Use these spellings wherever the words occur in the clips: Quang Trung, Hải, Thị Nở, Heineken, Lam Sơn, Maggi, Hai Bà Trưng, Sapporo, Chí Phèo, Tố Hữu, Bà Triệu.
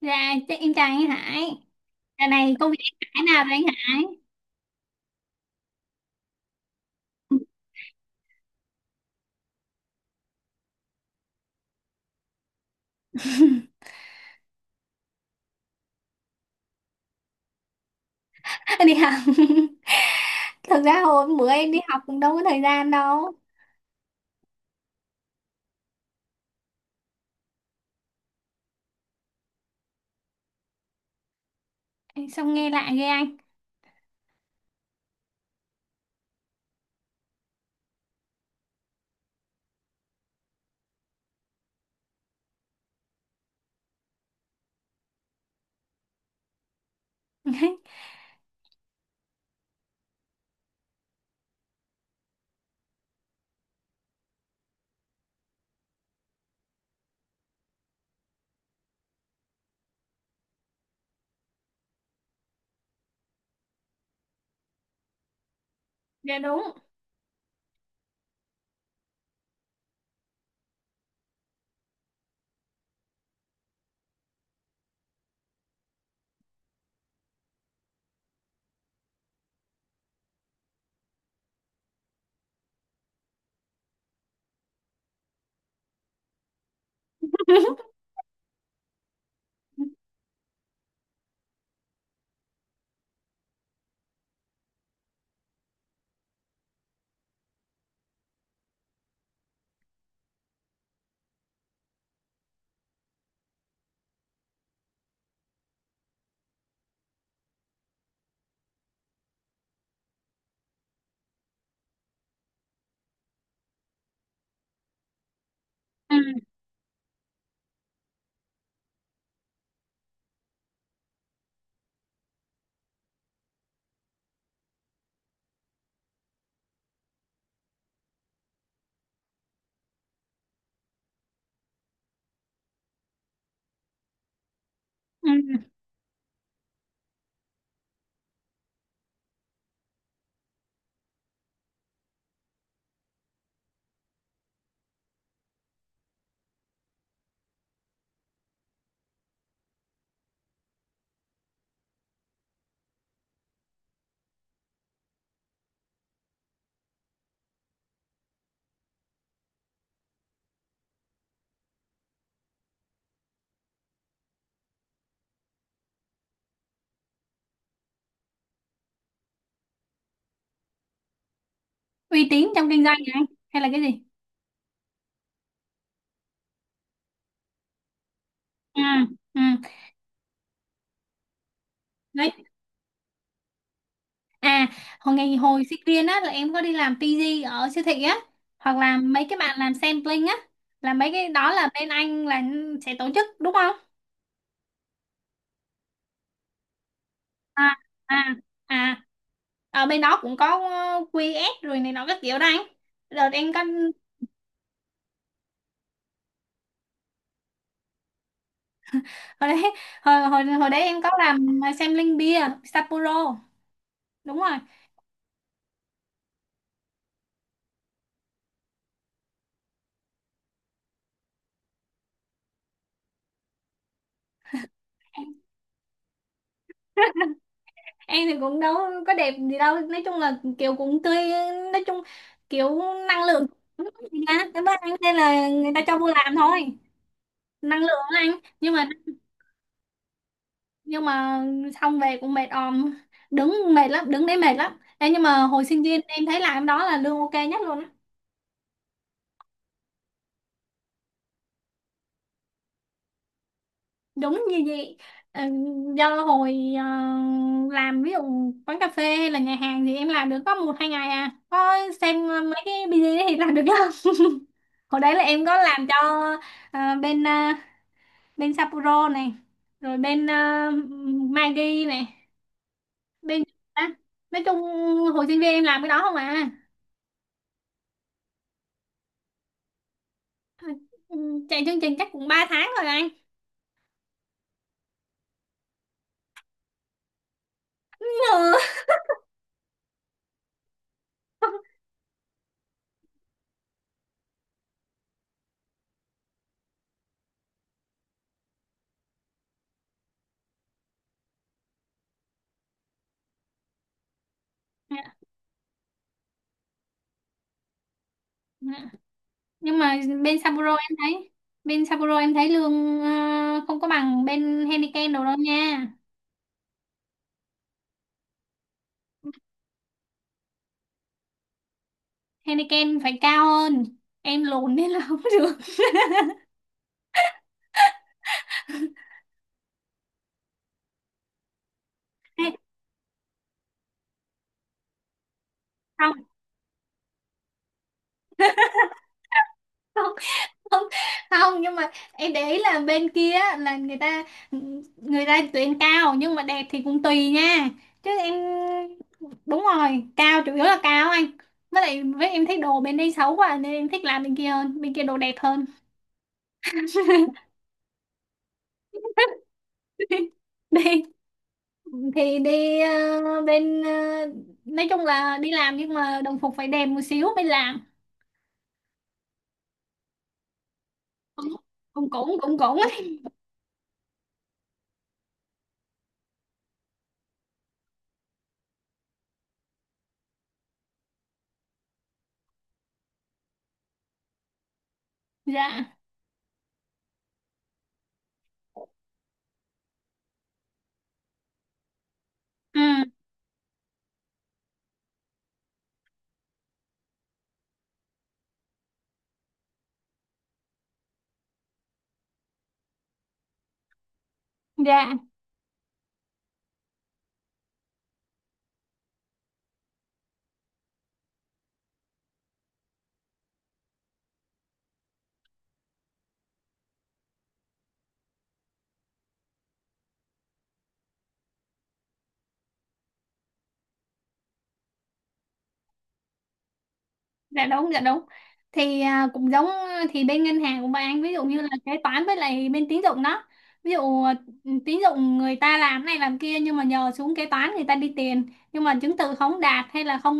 Dạ, chắc em chào anh Hải. Giờ này công việc anh Hải nào rồi anh Hải? Đi học. Thực ra hồi bữa em đi học cũng đâu có thời gian đâu. Xong nghe lại ghê anh. Dạ đúng. Ừ, ừ. Uy tín trong kinh doanh hả anh? Hay là cái gì? Ừ, ừ. Đấy. À, hồi ngày hồi sinh viên á là em có đi làm PG ở siêu thị á. Hoặc là mấy cái bạn làm sampling á. Là mấy cái đó là bên anh là sẽ tổ chức đúng không? À, à, à, ở bên đó cũng có QS rồi này nó các kiểu đó anh. Đợt em có hồi đấy, hồi hồi hồi đấy em có làm xem linh bia Sapporo, đúng rồi. Em thì cũng đâu có đẹp gì đâu, nói chung là kiểu cũng tươi, nói chung kiểu năng lượng cũng tốt gì đó. Cảm ơn anh nên là người ta cho vô làm thôi, năng lượng á anh. Nhưng mà, nhưng mà xong về cũng mệt òm, đứng mệt lắm, đứng đấy mệt lắm. Ê, nhưng mà hồi sinh viên em thấy làm đó là lương ok nhất luôn á. Đúng như vậy. Ờ, do hồi làm ví dụ quán cà phê hay là nhà hàng thì em làm được có một hai ngày à, có xem mấy cái video thì làm được lắm. Hồi đấy là em có làm cho bên bên Sapporo này, rồi bên Maggi này, bên, à, nói chung hồi sinh viên em làm cái đó không à. Ừ, chạy chương trình chắc cũng ba tháng rồi anh. Ừ. Nhưng mà bên Sapporo em thấy, bên Sapporo em thấy lương không có bằng bên Heineken đâu đâu nha. Heineken phải cao hơn, em lùn nên là không được. Ê, không, không, không, không, nhưng mà em để ý là bên kia á, là người ta, người ta tuyển cao nhưng mà đẹp thì cũng tùy nha, chứ em. Đúng rồi, cao chủ yếu là cao anh, với lại với em thích đồ bên đây xấu quá nên em thích làm bên kia hơn, bên kia đồ đẹp hơn. Đi, thì đi bên, nói chung là đi làm nhưng mà đồng phục phải đẹp một xíu mới làm. Cũng cũng cũng cũng ấy. Dạ, ừ, dạ, dạ đúng, dạ đúng. Thì à, cũng giống à, thì bên ngân hàng của bạn ví dụ như là kế toán với lại bên tín dụng đó, ví dụ à, tín dụng người ta làm này làm kia nhưng mà nhờ xuống kế toán người ta đi tiền, nhưng mà chứng từ không đạt hay là không,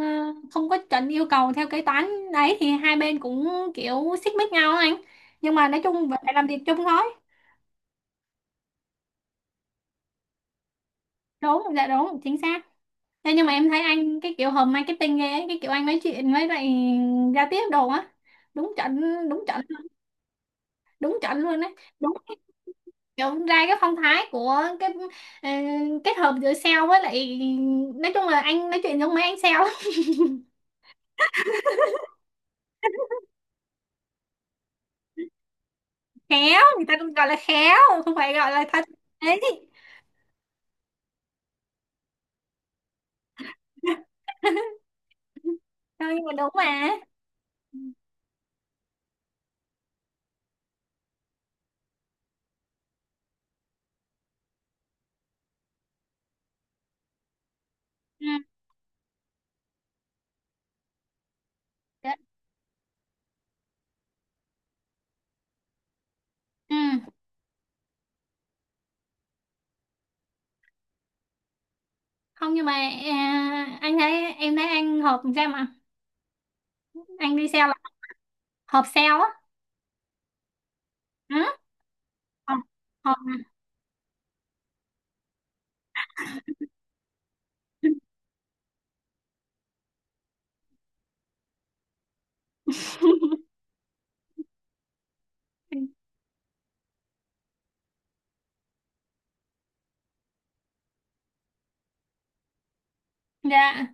à, không có chuẩn yêu cầu theo kế toán đấy thì hai bên cũng kiểu xích mích nhau á anh, nhưng mà nói chung vẫn phải làm việc chung thôi. Đúng, dạ đúng, chính xác. Thế nhưng mà em thấy anh cái kiểu hầm marketing ghê ấy, cái kiểu anh nói chuyện với lại giao tiếp đồ á, đúng chuẩn, đúng chuẩn, đúng chuẩn luôn đấy, đúng cái- kiểu ra cái phong thái của cái ờ, kết hợp giữa sale với lại, nói chung là anh nói chuyện giống mấy anh sale lắm. Khéo, người ta cũng gọi là khéo, không phải gọi là thật. Đấy. Thôi nhưng mà đúng mà. Ừ. Đấy. Ừ. Không nhưng mà, à, anh thấy em thấy anh hợp làm sao mà anh đi sale là hợp sale á. Ừ. hợp hợp Dạ,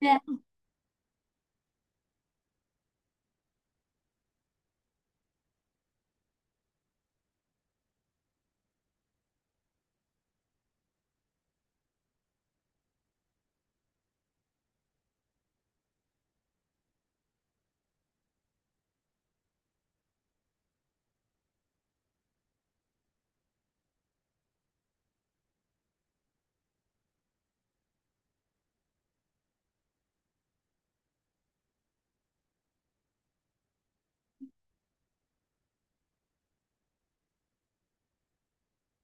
dạ,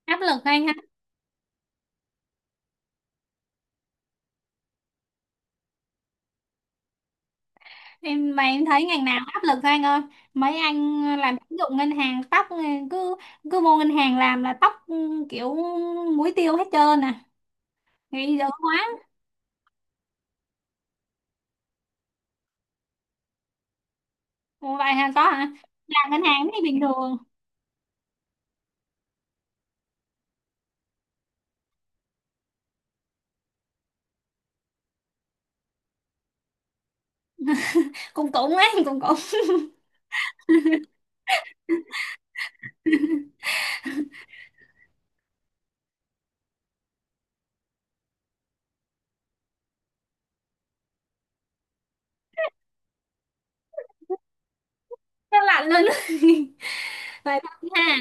áp lực anh ha. Em mà em thấy ngành nào áp lực thôi anh ơi, mấy anh làm tín dụng ngân hàng tóc cứ cứ vô ngân hàng làm là tóc, ừ, kiểu muối tiêu hết trơn à, nghĩ dữ quá. Ủa vậy hả, có hả? Làm ngân hàng thì bình thường. Cũng cũng ấy. cũng cũng Nó lạnh luôn. Vậy thôi ha.